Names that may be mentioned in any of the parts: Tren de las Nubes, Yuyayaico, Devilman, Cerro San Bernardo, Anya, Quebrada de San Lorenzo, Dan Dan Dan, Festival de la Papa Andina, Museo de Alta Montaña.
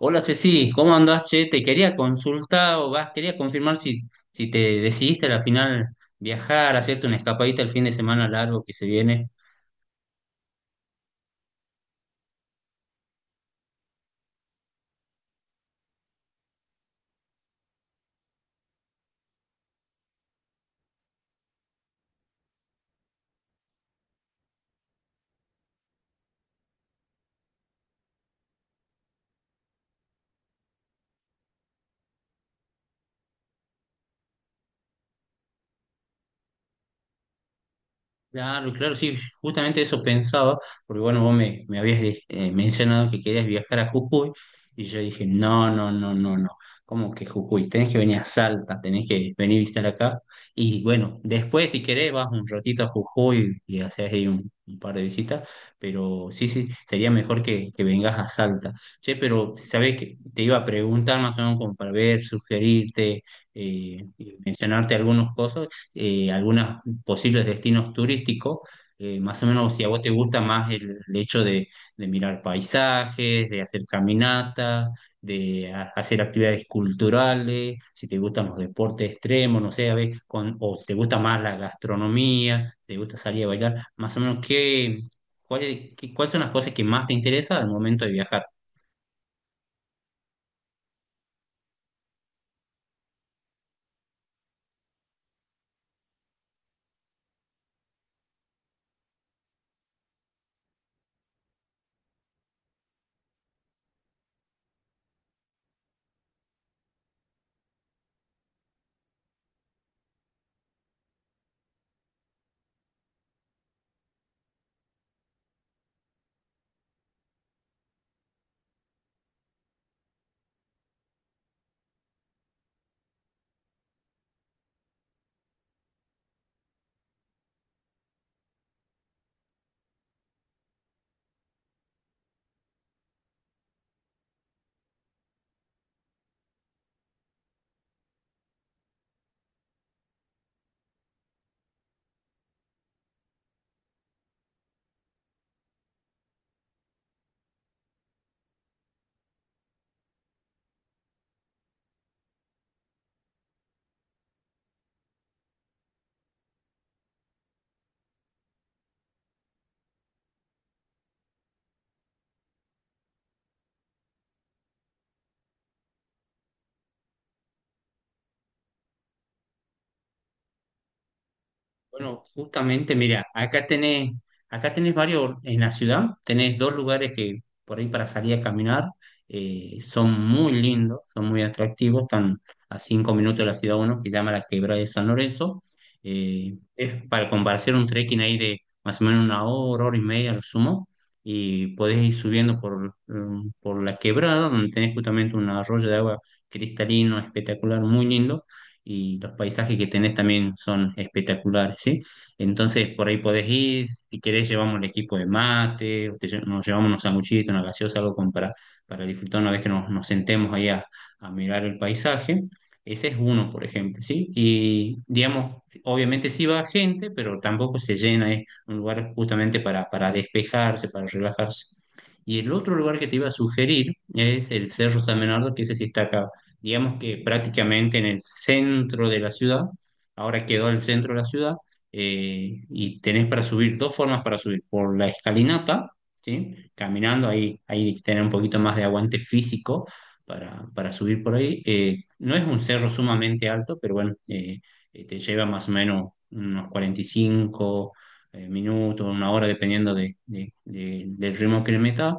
Hola Ceci, ¿cómo andás? Che, te quería consultar o vas, quería confirmar si, si te decidiste al final viajar, hacerte una escapadita el fin de semana largo que se viene. Claro, claro, sí, justamente eso pensaba, porque bueno, vos me habías mencionado que querías viajar a Jujuy, y yo dije, no, no, no, no, no, ¿cómo que Jujuy? Tenés que venir a Salta, tenés que venir a visitar acá, y bueno, después si querés vas un ratito a Jujuy y haces ahí un par de visitas, pero sí, sí, sería mejor que vengas a Salta. Che, pero sabés que te iba a preguntar más o menos como para ver, sugerirte, y mencionarte algunas cosas, algunas posibles destinos turísticos. Más o menos, si a vos te gusta más el hecho de mirar paisajes, de hacer caminatas, de hacer actividades culturales, si te gustan los deportes extremos, no sé, a ver, con, o si te gusta más la gastronomía, si te gusta salir a bailar, más o menos, ¿qué, cuáles, cuáles son las cosas que más te interesan al momento de viajar? Bueno, justamente, mira, acá tenés varios, en la ciudad tenés dos lugares que por ahí para salir a caminar son muy lindos, son muy atractivos, están a cinco minutos de la ciudad uno, que se llama la Quebrada de San Lorenzo. Es para compartir un trekking ahí de más o menos una hora, hora y media, a lo sumo, y podés ir subiendo por, por la quebrada, donde tenés justamente un arroyo de agua cristalino, espectacular, muy lindo y los paisajes que tenés también son espectaculares, ¿sí? Entonces por ahí podés ir, si querés llevamos el equipo de mate, o te nos llevamos unos sanguchitos, una gaseosa, algo como para disfrutar una vez que nos sentemos ahí a mirar el paisaje. Ese es uno, por ejemplo, ¿sí? Y digamos, obviamente sí va gente, pero tampoco se llena, es un lugar justamente para despejarse, para relajarse. Y el otro lugar que te iba a sugerir es el Cerro San Bernardo, que ese sí está acá digamos que prácticamente en el centro de la ciudad, ahora quedó el centro de la ciudad, y tenés para subir dos formas para subir, por la escalinata, ¿sí? Caminando, ahí tenés un poquito más de aguante físico para subir por ahí. No es un cerro sumamente alto, pero bueno, te lleva más o menos unos 45 minutos, una hora, dependiendo de, del ritmo que le metas.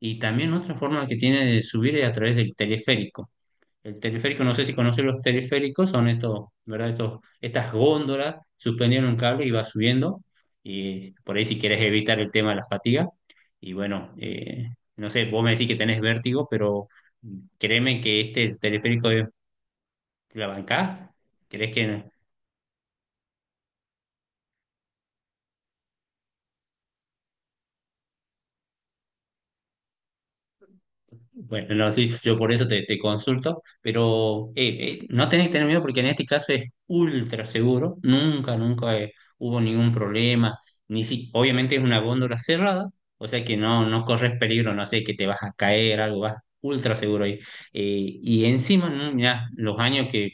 Y también otra forma que tiene de subir es a través del teleférico. El teleférico, no sé si conocen los teleféricos, son estos, ¿verdad? Estos, estas góndolas suspendidas en un cable y va subiendo. Y por ahí si quieres evitar el tema de la fatiga. Y bueno, no sé, vos me decís que tenés vértigo, pero créeme que este teleférico te la bancás. ¿Crees que, no? Bueno, no, sí, yo por eso te consulto, pero no tenés que tener miedo porque en este caso es ultra seguro, nunca, nunca, hubo ningún problema, ni si, obviamente es una góndola cerrada, o sea que no, no corres peligro, no sé, que te vas a caer, algo, vas ultra seguro ahí. Y encima, mirá, los años que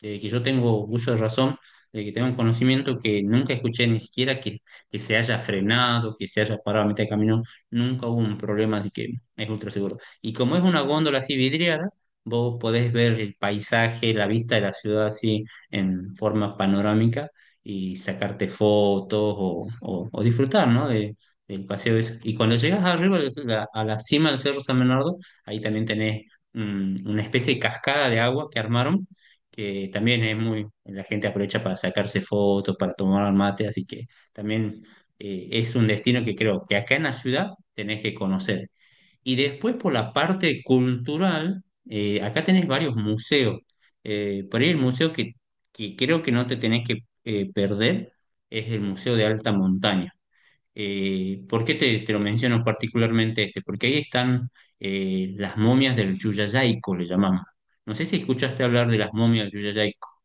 de que yo tengo uso de razón, de que tengo un conocimiento que nunca escuché ni siquiera que se haya frenado, que se haya parado a mitad de camino, nunca hubo un problema de que es ultra seguro. Y como es una góndola así vidriada, vos podés ver el paisaje, la vista de la ciudad así en forma panorámica y sacarte fotos o, o disfrutar, ¿no? Del paseo ese. Y cuando llegas arriba, a la cima del Cerro San Bernardo, ahí también tenés una especie de cascada de agua que armaron que también es muy, la gente aprovecha para sacarse fotos, para tomar mate, así que también es un destino que creo que acá en la ciudad tenés que conocer. Y después por la parte cultural, acá tenés varios museos. Por ahí el museo que creo que no te tenés que perder es el Museo de Alta Montaña. ¿Por qué te lo menciono particularmente este? Porque ahí están las momias del Yuyayaico, le llamamos. No sé si escuchaste hablar de las momias del Yuyayaico.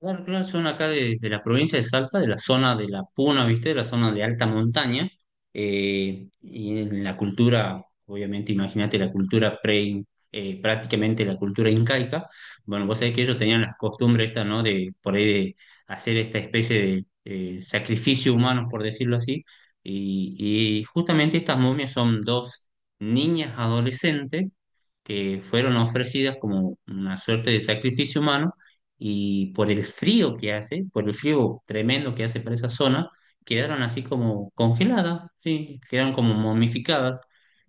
Claro, claro, son acá de la provincia de Salta, de la zona de la Puna, ¿viste? De la zona de alta montaña. Eh, y en la cultura, obviamente, imagínate la cultura prácticamente la cultura incaica. Bueno, vos sabés que ellos tenían las costumbres estas, ¿no? De por ahí de hacer esta especie de sacrificio humano, por decirlo así. Y, y justamente estas momias son dos niñas adolescentes que fueron ofrecidas como una suerte de sacrificio humano y por el frío que hace, por el frío tremendo que hace para esa zona, quedaron así como congeladas, sí, quedaron como momificadas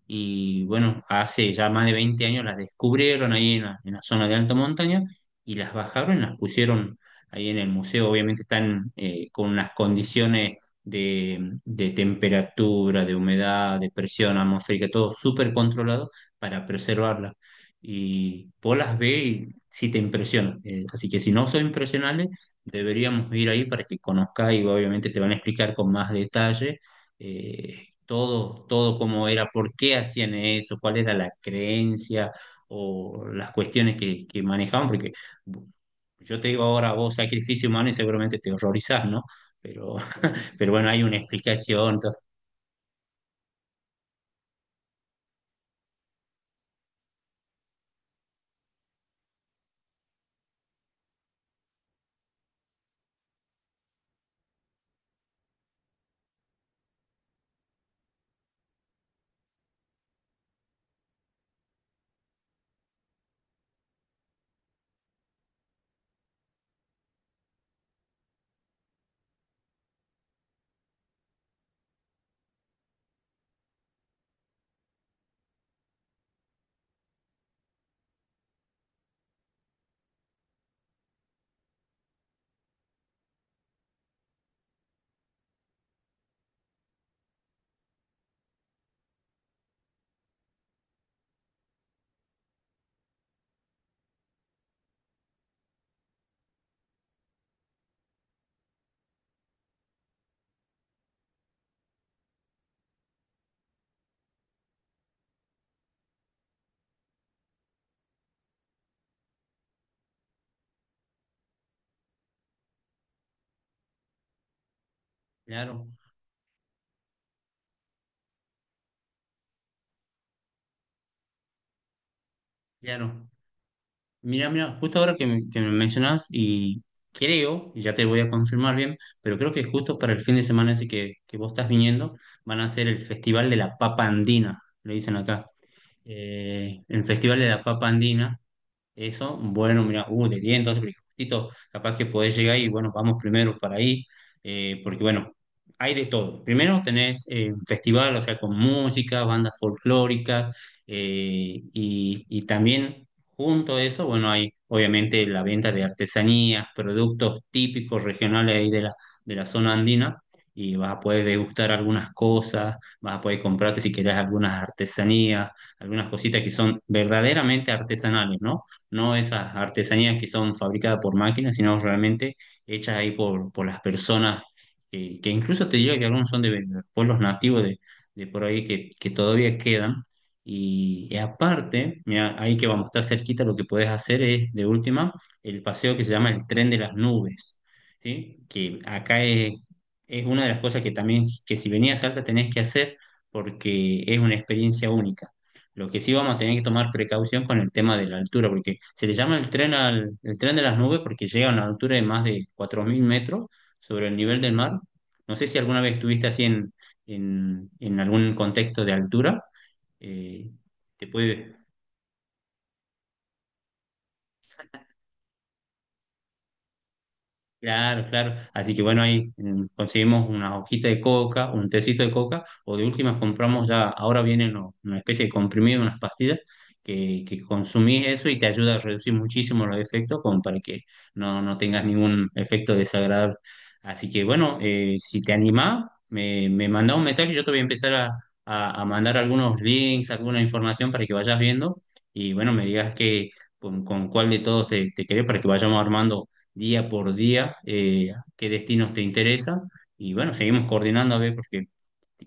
y bueno, hace ya más de 20 años las descubrieron ahí en la zona de alta montaña y las bajaron y las pusieron ahí en el museo, obviamente están con unas condiciones de temperatura, de humedad, de presión atmosférica, todo súper controlado para preservarlas. Y vos las ve y sí te impresionan. Así que si no sos impresionable, deberíamos ir ahí para que conozcas y obviamente te van a explicar con más detalle todo, todo cómo era, por qué hacían eso, cuál era la creencia o las cuestiones que manejaban, porque yo te digo ahora vos sacrificio humano y seguramente te horrorizás, ¿no? Pero, pero bueno, hay una explicación, entonces, claro, claro. Mira, mira, justo ahora que me mencionas y creo, y ya te voy a confirmar bien, pero creo que justo para el fin de semana ese que vos estás viniendo, van a hacer el Festival de la Papa Andina, le dicen acá. El Festival de la Papa Andina, eso, bueno, mira, de 10, entonces, porque justito, capaz que podés llegar y bueno, vamos primero para ahí, porque bueno, hay de todo. Primero tenés un festival, o sea, con música, bandas folclóricas, y también junto a eso, bueno, hay obviamente la venta de artesanías, productos típicos regionales ahí de la zona andina, y vas a poder degustar algunas cosas, vas a poder comprarte si querés algunas artesanías, algunas cositas que son verdaderamente artesanales, ¿no? No esas artesanías que son fabricadas por máquinas, sino realmente hechas ahí por las personas, que incluso te diría que algunos son de pueblos nativos de por ahí que todavía quedan. Y aparte, mira, ahí que vamos, está cerquita, lo que puedes hacer es, de última, el paseo que se llama el Tren de las Nubes, ¿sí? Que acá es una de las cosas que también, que si venías a Salta tenés que hacer porque es una experiencia única. Lo que sí vamos a tener que tomar precaución con el tema de la altura, porque se le llama el tren al, el tren de las nubes porque llega a una altura de más de 4000 metros sobre el nivel del mar. No sé si alguna vez estuviste así en, en algún contexto de altura. Eh, te puede. Claro, claro. Así que bueno, ahí conseguimos una hojita de coca, un tecito de coca, o de últimas compramos ya, ahora vienen una especie de comprimido, unas pastillas, que consumís eso y te ayuda a reducir muchísimo los efectos, como para que no, no tengas ningún efecto desagradable. Así que bueno, si te animás, me mandá un mensaje, yo te voy a empezar a, a mandar algunos links, alguna información para que vayas viendo, y bueno, me digas que con cuál de todos te querés para que vayamos armando día por día qué destinos te interesan. Y bueno, seguimos coordinando a ver, porque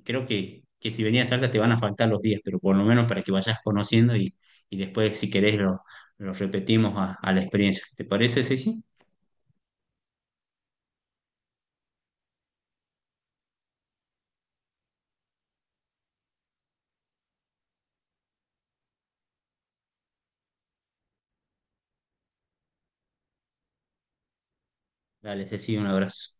creo que si venías a Salta te van a faltar los días, pero por lo menos para que vayas conociendo y después, si querés, lo repetimos a la experiencia. ¿Te parece, Ceci? Dale, Ceci, un abrazo.